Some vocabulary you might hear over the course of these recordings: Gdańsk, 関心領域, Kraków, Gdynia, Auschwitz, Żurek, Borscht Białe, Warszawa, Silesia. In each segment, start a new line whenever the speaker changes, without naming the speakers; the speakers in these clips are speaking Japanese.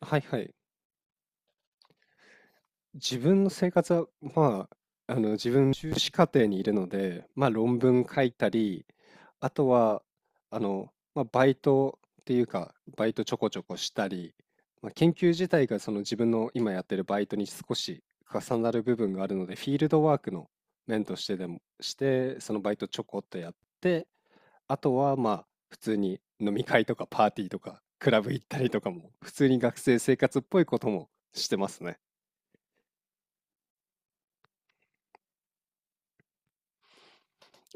はいはい。自分の生活は、まあ、自分、修士課程にいるので、まあ、論文書いたり、あとは、あの、まあ、バイトっていうか、バイトちょこちょこしたり、まあ、研究自体がその自分の今やってるバイトに少し重なる部分があるので、フィールドワークの面としてでも、して、そのバイトちょこっとやって、あとは、まあ、普通に飲み会とかパーティーとか、クラブ行ったりとかも、普通に学生生活っぽいこともしてますね。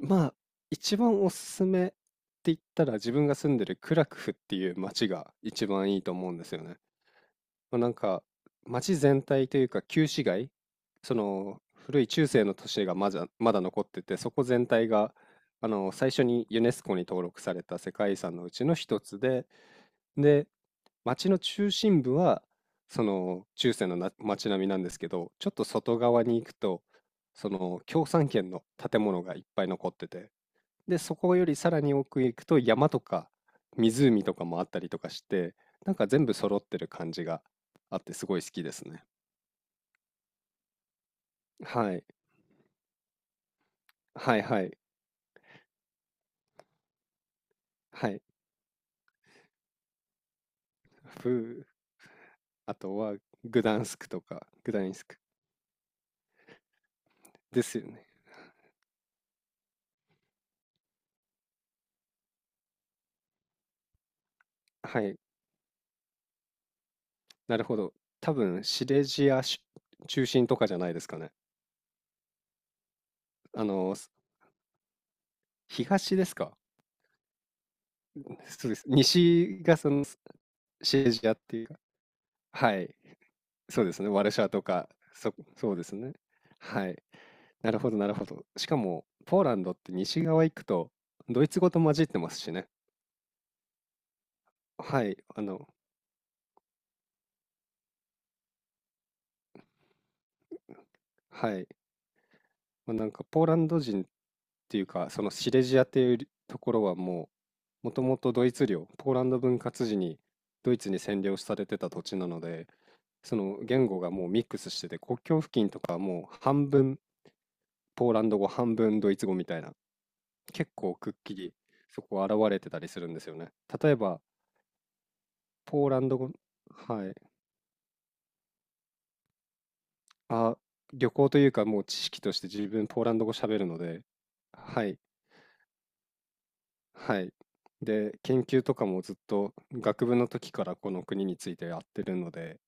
まあ、一番おすすめって言ったら自分が住んでるクラクフっていう街が一番いいと思うんですよね。まあ、なんか街全体というか旧市街、その古い中世の都市がまだ残ってて、そこ全体があの最初にユネスコに登録された世界遺産のうちの一つで、で、街の中心部はその中世のな街並みなんですけど、ちょっと外側に行くと、その共産圏の建物がいっぱい残ってて、で、そこよりさらに奥へ行くと山とか湖とかもあったりとかして、なんか全部揃ってる感じがあってすごい好きですね。はい。はいはい。はい。ふう。あとはグダンスクとか、グダニスクですよね。はい。なるほど。多分シレジアし中心とかじゃないですかね。あの、す東ですか？そうです。西がそのシレジアっていうか、はい。そうですね。ワルシャワとか、そうですね。はい。なるほど、なるほど。しかも、ポーランドって西側行くと、ドイツ語と混じってますしね。はい、はい。まあ、なんか、ポーランド人っていうか、そのシレジアっていうところはもう、もともとドイツ領、ポーランド分割時にドイツに占領されてた土地なので、その言語がもうミックスしてて、国境付近とかはもう半分ポーランド語、半分ドイツ語みたいな、結構くっきりそこ現れてたりするんですよね。例えば、ポーランド語、はい。あ、旅行というか、もう知識として自分ポーランド語喋るので、はい、はい。で、研究とかもずっと学部の時からこの国についてやってるので、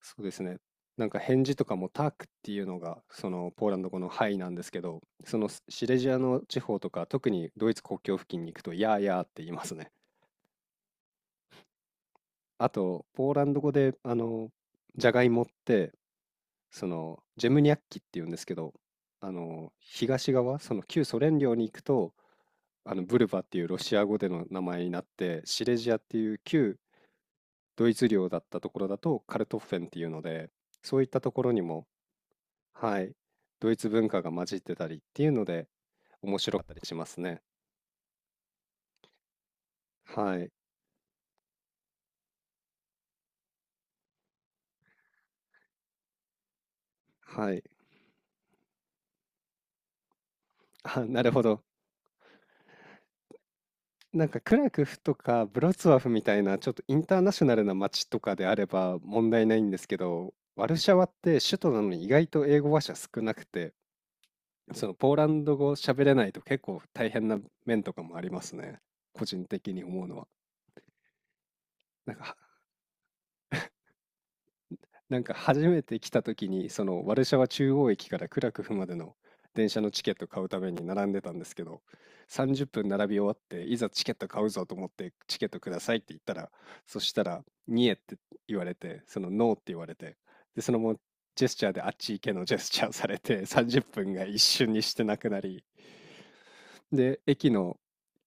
そうですね。なんか返事とかもタークっていうのがそのポーランド語の「はい」なんですけど、そのシレジアの地方とか、特にドイツ国境付近に行くと「やーやー」って言いますね。あと、ポーランド語であの、じゃがいもってそのジェムニャッキっていうんですけど、あの東側その旧ソ連領に行くとあのブルバっていうロシア語での名前になって、シレジアっていう旧ドイツ領だったところだとカルトッフェンっていうので、そういったところにもはい、ドイツ文化が混じってたりっていうので面白かったりしますね。はい。はい。あ、なるほど。なんかクラクフとかブロツワフみたいなちょっとインターナショナルな街とかであれば問題ないんですけど、ワルシャワって首都なのに意外と英語話者少なくて、そのポーランド語喋れないと結構大変な面とかもありますね。個人的に思うのは。なんかなんか初めて来た時にそのワルシャワ中央駅からクラクフまでの電車のチケット買うために並んでたんですけど、30分並び終わっていざチケット買うぞと思ってチケットくださいって言ったら、そしたら「ニエ」って言われて、その「ノー」って言われて、でそのままジェスチャーであっち行けのジェスチャーされて30分が一瞬にしてなくなり、で、駅の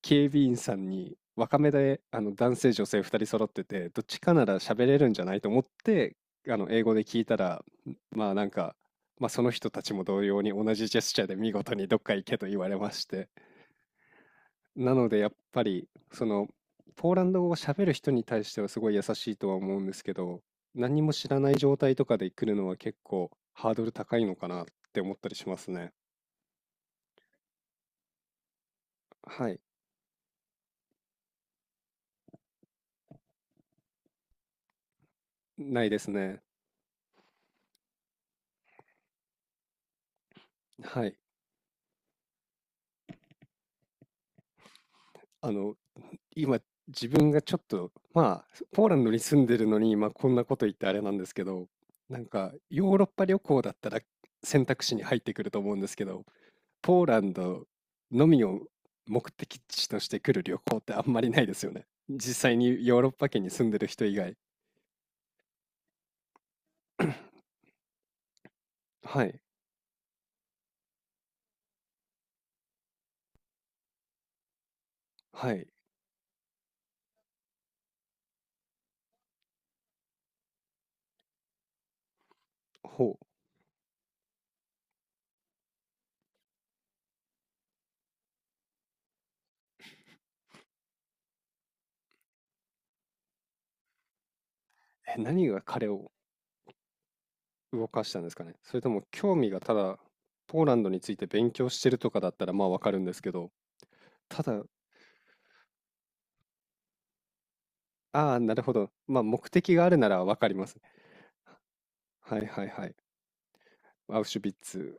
警備員さんに、若めで、男性女性2人揃ってて、どっちかなら喋れるんじゃないと思って、英語で聞いたら、まあなんか、まあその人たちも同様に同じジェスチャーで見事にどっか行けと言われまして、なのでやっぱり、その、ポーランド語を喋る人に対してはすごい優しいとは思うんですけど、何も知らない状態とかで来るのは結構ハードル高いのかなって思ったりしますね。はい。ないですね。はい。あの、今、自分がちょっと、まあ、ポーランドに住んでるのに、まあ、こんなこと言ってあれなんですけど、なんか、ヨーロッパ旅行だったら選択肢に入ってくると思うんですけど、ポーランドのみを目的地として来る旅行ってあんまりないですよね。実際にヨーロッパ圏に住んでる人以外。はい、はい、ほう。え、何が彼を動かしたんですかね。それとも興味がただ、ポーランドについて勉強してるとかだったらまあわかるんですけど、ただああ、なるほど。まあ、目的があるならわかりますね。はいはいはい。アウシュビッツ。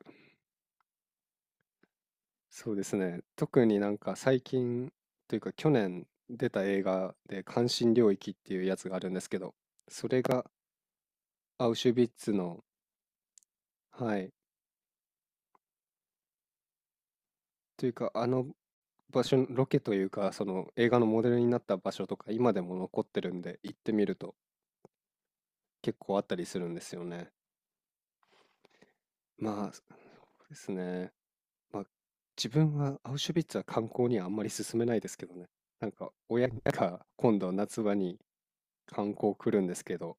そうですね。特になんか最近というか去年出た映画で関心領域っていうやつがあるんですけど、それがアウシュビッツの、はい。というかあの場所の、ロケというかその映画のモデルになった場所とか今でも残ってるんで行ってみると結構あったりするんですよね。まあ、そうですね。まあ、自分はアウシュビッツは観光にはあんまり勧めないですけどね。なんか親が今度夏場に観光来るんですけど、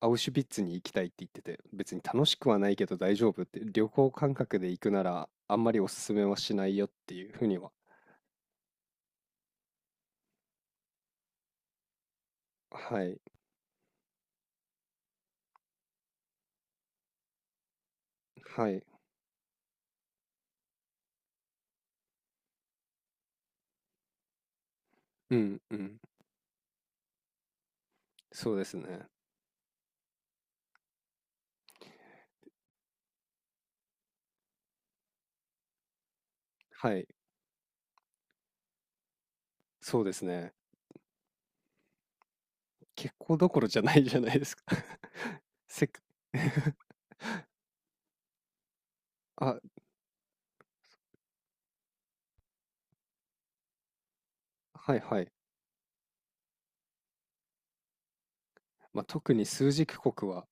アウシュビッツに行きたいって言ってて、別に楽しくはないけど大丈夫って、旅行感覚で行くならあんまりおすすめはしないよっていうふうには。はい、はい、うんうん、そうですね。はい、そうですね。結構どころじゃないじゃないですか？ せっ あ、はいはい。まあ、特に枢軸国は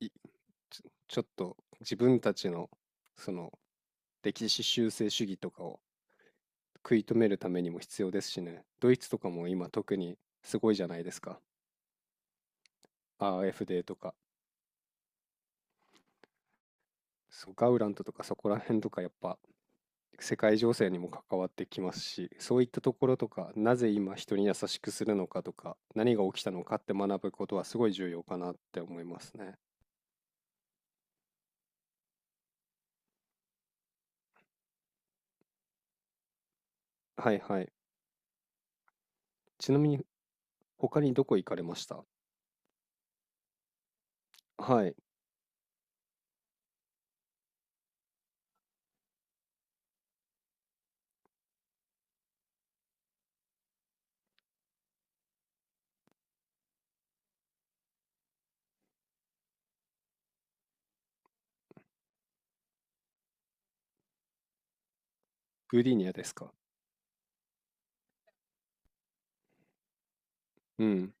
いちょちょっと自分たちのその歴史修正主義とかを食い止めるためにも必要ですしね。ドイツとかも今特にすごいじゃないですか。ア a f ーとか、そうガウラントとかそこら辺とかやっぱ世界情勢にも関わってきますし、そういったところとか、なぜ今人に優しくするのかとか、何が起きたのかって学ぶことはすごい重要かなって思いますね。はいはい。ちなみに他にどこ行かれました？はい。グディニアですか？うん。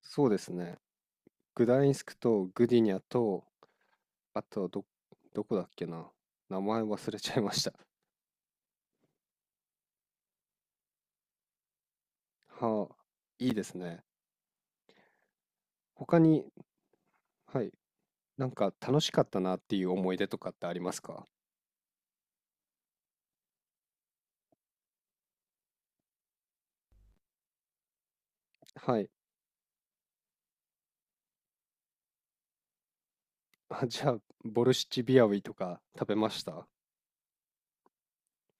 そうですね。グダインスクとグディニャと、あとはどこだっけな。名前忘れちゃいました。はあ、いいですね。他に、はい、なんか楽しかったなっていう思い出とかってありますか？はい。あ、じゃあ、ボルシチビアウィとか食べました？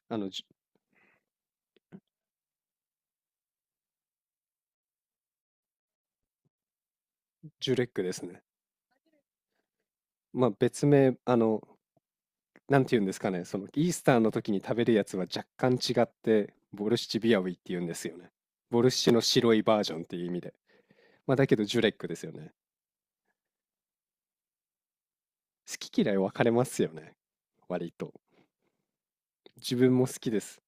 あの、ジュレックですね。まあ別名、なんて言うんですかね。その、イースターの時に食べるやつは若干違って、ボルシチビアウィって言うんですよね。ボルシチの白いバージョンっていう意味で。まあだけど、ジュレックですよね。好き嫌い分かれますよね、割と自分も好きです